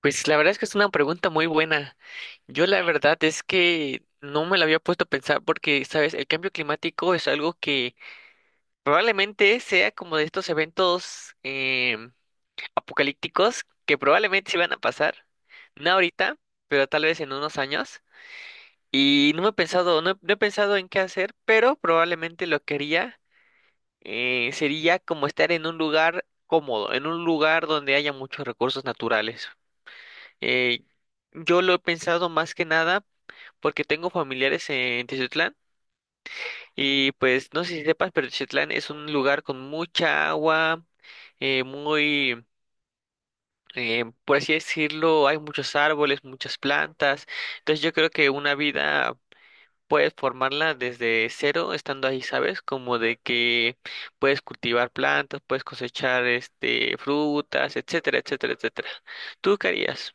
Pues la verdad es que es una pregunta muy buena. Yo la verdad es que no me la había puesto a pensar porque, sabes, el cambio climático es algo que probablemente sea como de estos eventos apocalípticos que probablemente sí van a pasar. No ahorita, pero tal vez en unos años. Y no me he pensado, no he pensado en qué hacer, pero probablemente lo que haría sería como estar en un lugar cómodo, en un lugar donde haya muchos recursos naturales. Eh, yo lo he pensado más que nada porque tengo familiares en Tiziutlán, y pues no sé si sepas, pero Tiziutlán es un lugar con mucha agua, eh, muy, por así decirlo, hay muchos árboles, muchas plantas. Entonces yo creo que una vida puedes formarla desde cero estando ahí, ¿sabes? Como de que puedes cultivar plantas, puedes cosechar este frutas, etcétera, etcétera, etcétera. ¿Tú qué harías?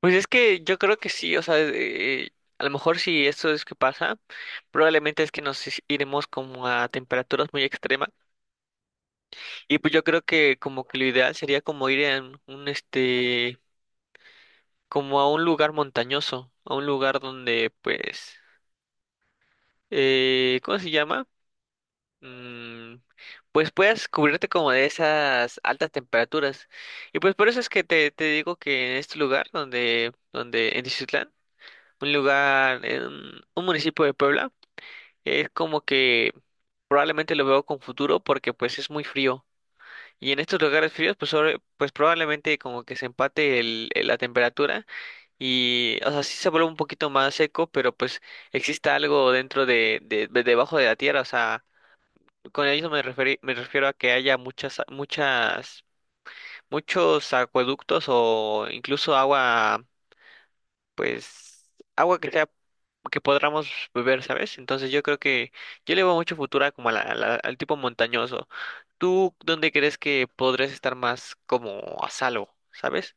Pues es que yo creo que sí, o sea, a lo mejor si esto es que pasa, probablemente es que iremos como a temperaturas muy extremas, y pues yo creo que como que lo ideal sería como ir a un este, como a un lugar montañoso, a un lugar donde pues, ¿cómo se llama? Mm, pues puedas cubrirte como de esas altas temperaturas, y pues por eso es que te digo que en este lugar donde, donde en Tiziutlán, un lugar, en un municipio de Puebla, es como que probablemente lo veo con futuro porque pues es muy frío. Y en estos lugares fríos pues, sobre- pues probablemente como que se empate la temperatura, y o sea sí se vuelve un poquito más seco pero pues exista algo dentro debajo de la tierra. O sea, con eso me refiero a que haya muchas, muchas, muchos acueductos o incluso agua, pues agua que sea que podamos beber, ¿sabes? Entonces yo creo que yo le veo mucho futuro a como a al tipo montañoso. ¿Tú dónde crees que podrías estar más como a salvo, ¿sabes?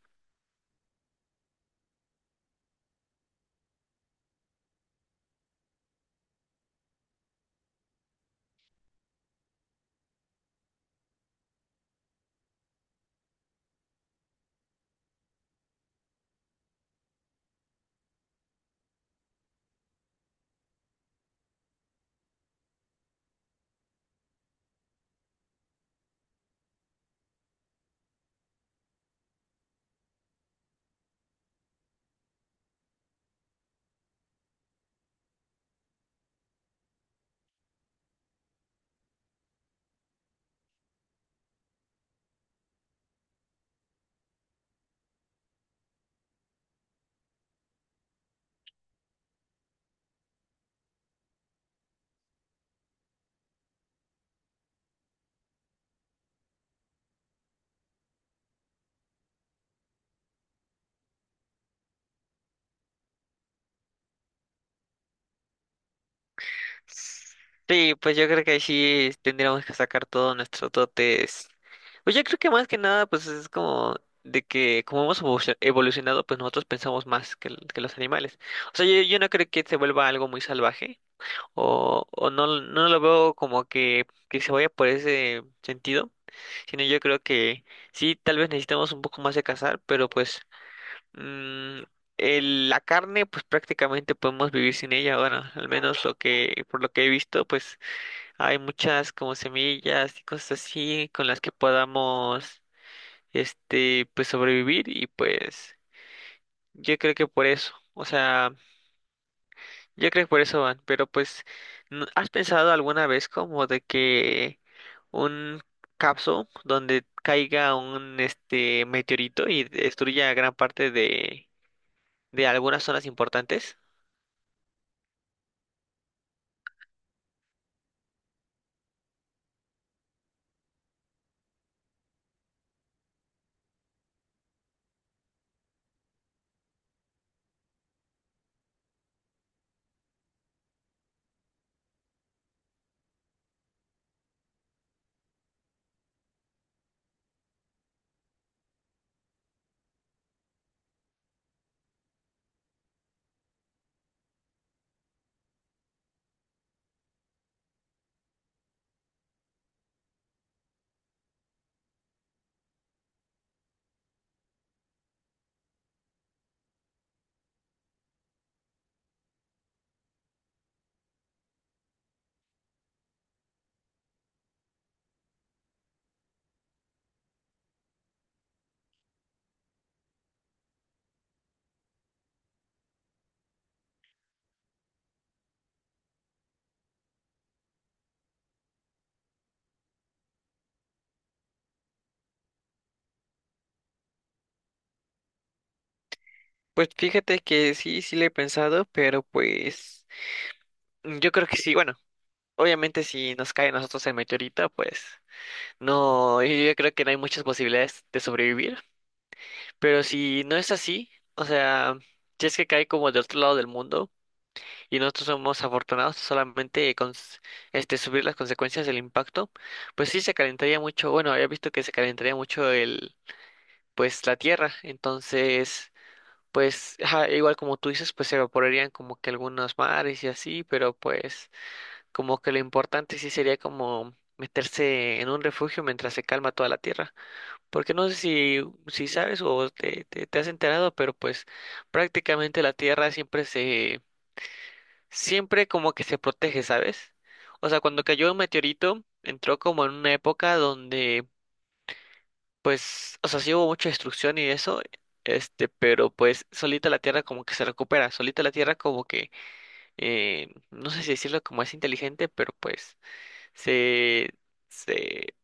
Sí, pues yo creo que ahí sí tendríamos que sacar todos nuestros dotes. Pues yo creo que más que nada, pues es como de que como hemos evolucionado, pues nosotros pensamos más que, que los animales. O sea, yo no creo que se vuelva algo muy salvaje. O no, no lo veo como que se vaya por ese sentido, sino yo creo que sí, tal vez necesitamos un poco más de cazar, pero pues mm, la carne pues prácticamente podemos vivir sin ella, bueno, al menos lo que, por lo que he visto, pues hay muchas como semillas y cosas así con las que podamos, este, pues sobrevivir y pues yo creo que por eso, o sea... Yo creo que por eso van, pero pues, ¿has pensado alguna vez como de que un capsule donde caiga un este meteorito y destruya gran parte de algunas zonas importantes? Pues fíjate que sí, sí le he pensado, pero pues yo creo que sí, bueno, obviamente si nos cae a nosotros el meteorito, pues no, yo creo que no hay muchas posibilidades de sobrevivir, pero si no es así, o sea, si es que cae como del otro lado del mundo, y nosotros somos afortunados solamente con s- este subir las consecuencias del impacto, pues sí se calentaría mucho, bueno, había visto que se calentaría mucho el pues la tierra, entonces pues ajá, igual como tú dices, pues se evaporarían como que algunos mares y así, pero pues como que lo importante sí sería como meterse en un refugio mientras se calma toda la tierra, porque no sé si si sabes o te has enterado, pero pues prácticamente la tierra siempre se siempre como que se protege, ¿sabes? O sea, cuando cayó un meteorito, entró como en una época donde, pues, o sea, sí hubo mucha destrucción y eso, este, pero pues solita la Tierra como que se recupera, solita la Tierra como que, no sé si decirlo como es inteligente, pero pues se, se,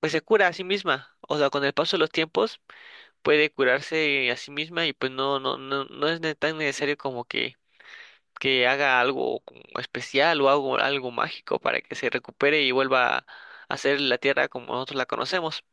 pues se cura a sí misma. O sea, con el paso de los tiempos puede curarse a sí misma y pues no es tan necesario como que haga algo como especial o algo, algo mágico para que se recupere y vuelva a ser la Tierra como nosotros la conocemos.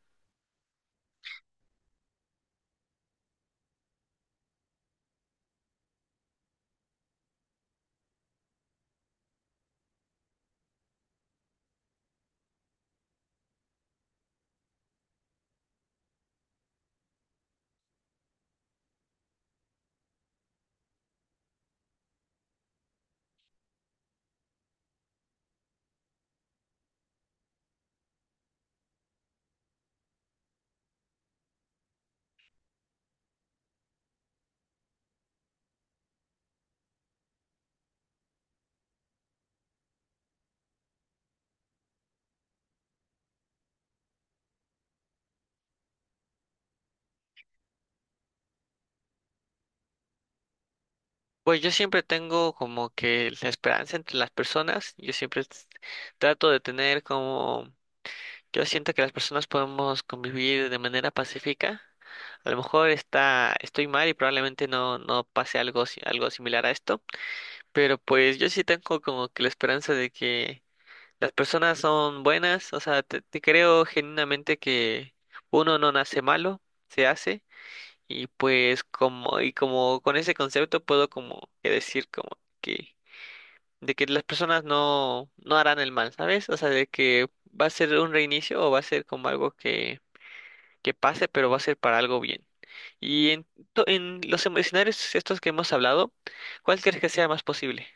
Pues yo siempre tengo como que la esperanza entre las personas, yo siempre trato de tener como, yo siento que las personas podemos convivir de manera pacífica. A lo mejor está, estoy mal y probablemente no, no pase algo, algo similar a esto, pero pues yo sí tengo como que la esperanza de que las personas son buenas, o sea, te creo genuinamente que uno no nace malo, se hace, y pues como, y como con ese concepto puedo como que decir como que, de que las personas no, no harán el mal, ¿sabes? O sea, de que va a ser un reinicio o va a ser como algo que pase, pero va a ser para algo bien. Y en, en los escenarios estos que hemos hablado, ¿cuál crees que sea más posible?